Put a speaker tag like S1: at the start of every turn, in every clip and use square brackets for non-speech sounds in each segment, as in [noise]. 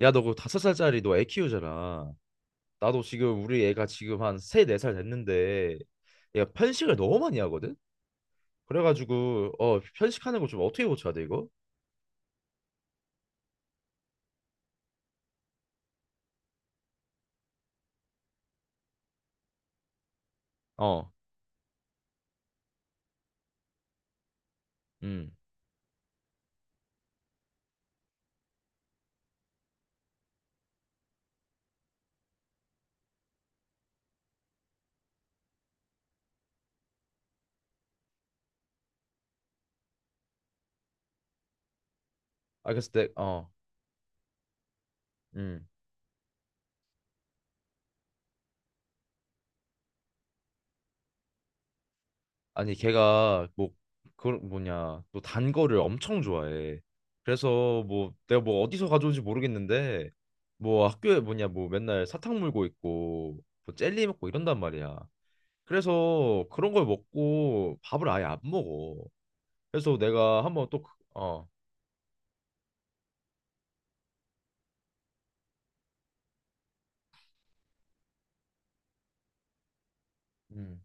S1: 야, 너 그 5살짜리 너 애 키우잖아. 나도 지금 우리 애가 지금 한 3~4살 됐는데 얘가 편식을 너무 많이 하거든? 그래가지고 편식하는 거 좀 어떻게 고쳐야 돼 이거? 어. 음. 알겠을 때. 어. 음. 아니, 걔가 뭐 그 뭐냐 또 단 거를 엄청 좋아해. 그래서 뭐 내가 뭐 어디서 가져온지 모르겠는데 뭐 학교에 뭐냐 뭐 맨날 사탕 물고 있고 뭐 젤리 먹고 이런단 말이야. 그래서 그런 걸 먹고 밥을 아예 안 먹어. 그래서 내가 한번 또, 음.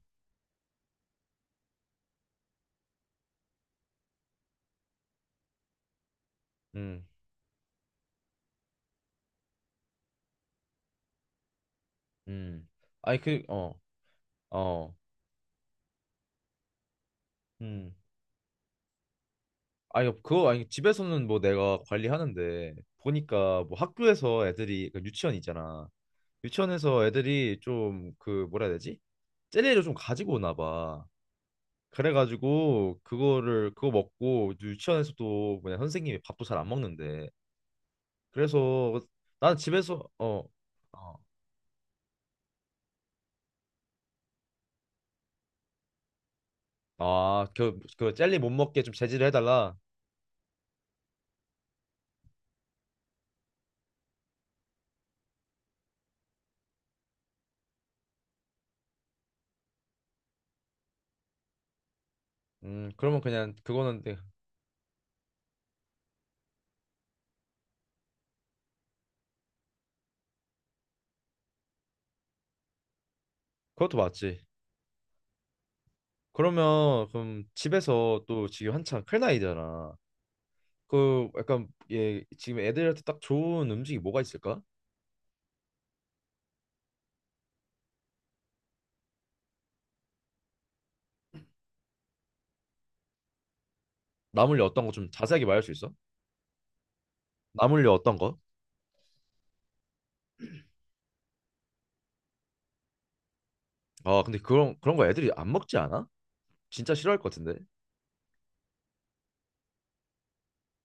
S1: 음. 음. 아니, 그, 어, 음. 아니, 그, 그거, 아니, 집에서는 뭐 내가 관리하는데, 보니까 뭐 학교에서 애들이, 그 유치원 있잖아. 유치원에서 애들이 좀, 그, 뭐라 해야 되지? 젤리를 좀 가지고 오나 봐. 그래가지고, 그거를, 그거 먹고, 유치원에서도 뭐냐, 선생님이 밥도 잘 안 먹는데. 그래서, 나는 집에서, 어. 아, 그 젤리 못 먹게 좀 제지를 해달라. 그러면 그냥 그거는 네, 그것도 맞지. 그러면 그럼 집에서 또 지금 한창 큰 나이잖아. 그 약간 얘 지금 애들한테 딱 좋은 음식이 뭐가 있을까? 나물류 어떤 거 좀 자세하게 말할 수 있어? 나물류 어떤 거? 아, 근데 그런 거 애들이 안 먹지 않아? 진짜 싫어할 것 같은데.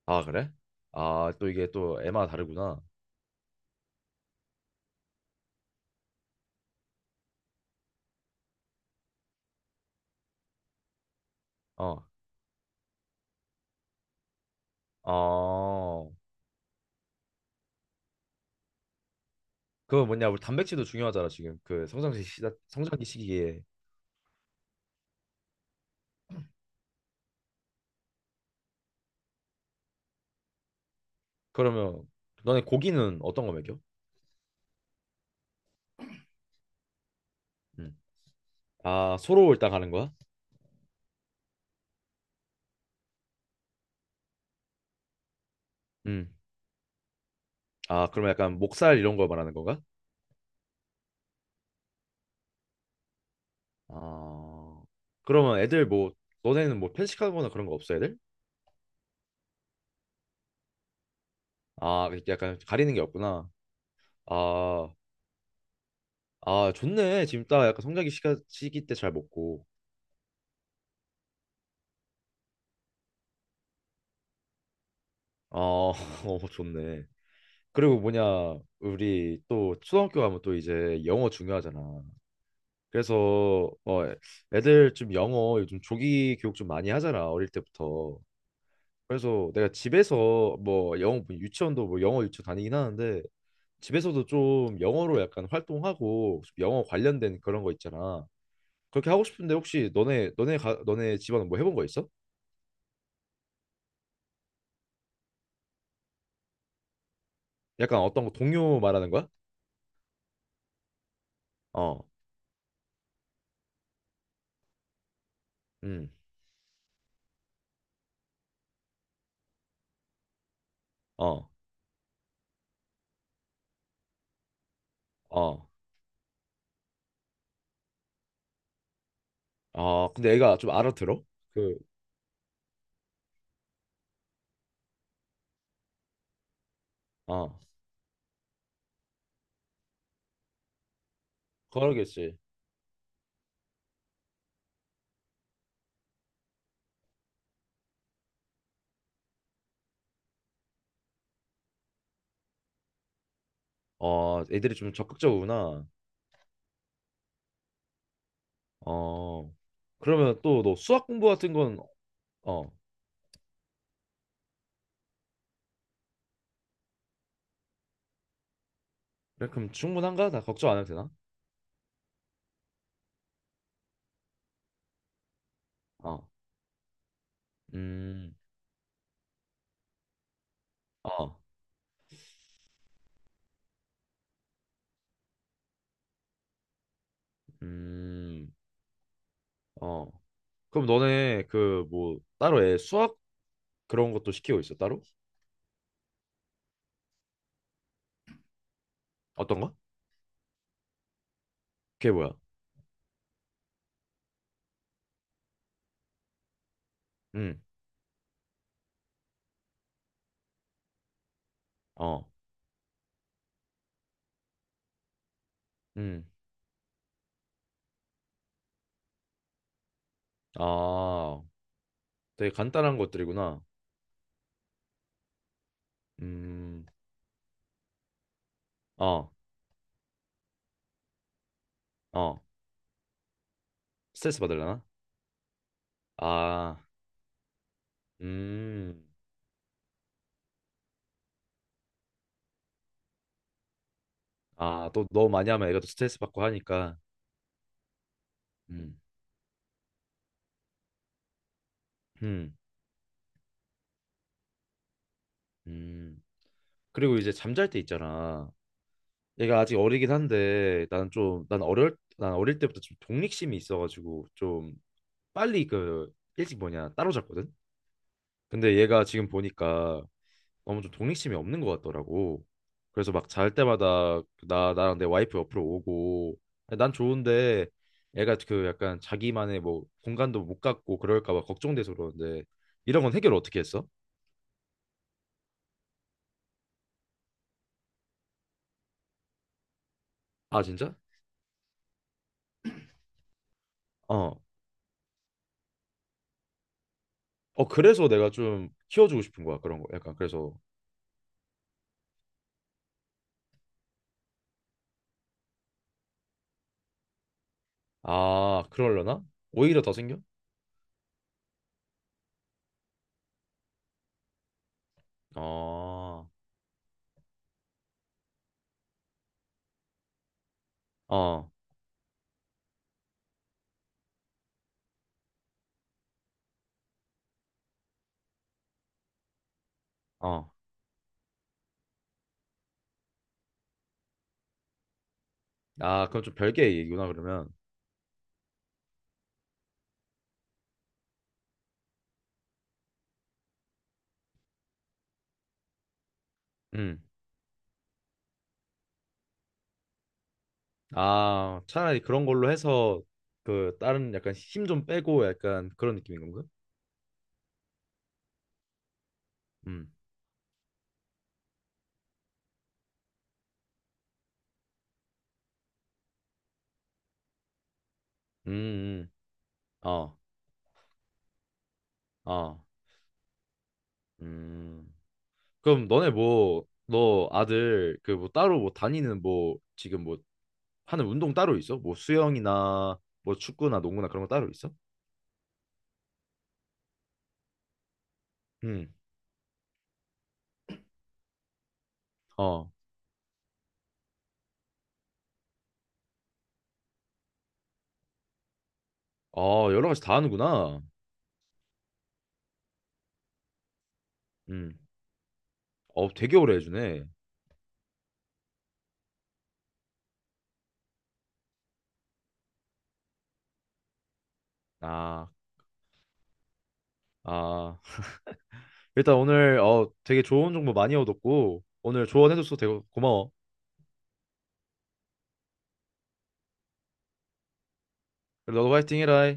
S1: 아, 그래? 아, 또 이게 또 애마다 다르구나. 어. 어. 그거 뭐냐? 우리 단백질도 중요하잖아, 지금. 그 성장기 시기에. 그러면 너네 고기는 어떤 거 먹여? 음. 아, 소로 일단 가는 거야? 음. 아, 그러면 약간 목살 이런 걸 말하는 건가? 아, 그러면 애들 뭐, 너네는 뭐 편식하거나 그런 거 없어, 애들? 아, 약간 가리는 게 없구나. 아, 아, 좋네. 지금 딱 약간 시기 때 잘 먹고. 어, [laughs] 어, 좋네. 그리고 뭐냐, 우리 또 초등학교 가면 또 이제 영어 중요하잖아. 그래서 어, 애들 좀 영어 요즘 조기 교육 좀 많이 하잖아, 어릴 때부터. 그래서 내가 집에서 뭐 영어 뭐 유치원도 뭐 영어 유치원 다니긴 하는데 집에서도 좀 영어로 약간 활동하고 좀 영어 관련된 그런 거 있잖아. 그렇게 하고 싶은데 혹시 너네 집안은 뭐 해본 거 있어? 약간 어떤 거 동요 말하는 거야? 어. 음. 어. 어. 아, 근데 애가 좀 알아들어? 그, 어, 그러겠지. 어, 애들이 좀 적극적이구나. 어, 그러면 또 너 수학 공부 같은 건. 어, 그래? 그럼 충분한가? 나 걱정 안 해도 되나? 어. 음. 어. 음. 어. 그럼 너네 그 뭐 따로 애 수학 그런 것도 시키고 있어 따로? 어떤 거? 그게 뭐야? 음. 어. 음. 아, 되게 간단한 것들이구나. 음. 어. 어. 스트레스 받으려나? 아. 음. 아, 또 너무 많이 하면 애가 또 스트레스 받고 하니까. 음. 음. 음. 그리고 이제 잠잘 때 있잖아. 얘가 아직 어리긴 한데 나는 좀 난 어릴 난 어릴 때부터 좀 독립심이 있어가지고 좀 빨리 그 일찍 뭐냐 따로잤거든. 근데 얘가 지금 보니까 너무 좀 독립심이 없는 것 같더라고. 그래서 막 잘 때마다 나 나랑 내 와이프 옆으로 오고 난 좋은데 애가 그 약간 자기만의 뭐 공간도 못 갖고 그럴까 봐 걱정돼서 그러는데 이런 건 해결 어떻게 했어? 아, 진짜? 어. 어, 그래서 내가 좀 키워주고 싶은 거야 그런 거. 약간 그래서. 아, 그럴려나? 오히려 더 생겨? 어. 어. 어. 아, 그럼 좀 별개의 얘기구나 그러면. 음. 아, 차라리 그런 걸로 해서 그 다른 약간 힘 좀 빼고 약간 그런 느낌인 건가? 음. 음. 음. 어. 어. 음. 그럼 너네 뭐, 너 아들 그 뭐 따로 뭐 다니는 뭐 지금 뭐 하는 운동 따로 있어? 뭐 수영이나 뭐 축구나 농구나 그런 거 따로 있어? 음. 어. 어, 여러 가지 다 하는구나. 음. 어, 되게 오래 해주네. 아, 아, 일단 오늘 되게 좋은 정보 많이 얻었고 오늘 조언해줘서 되게 고마워. 그래, 너도 화이팅 해라.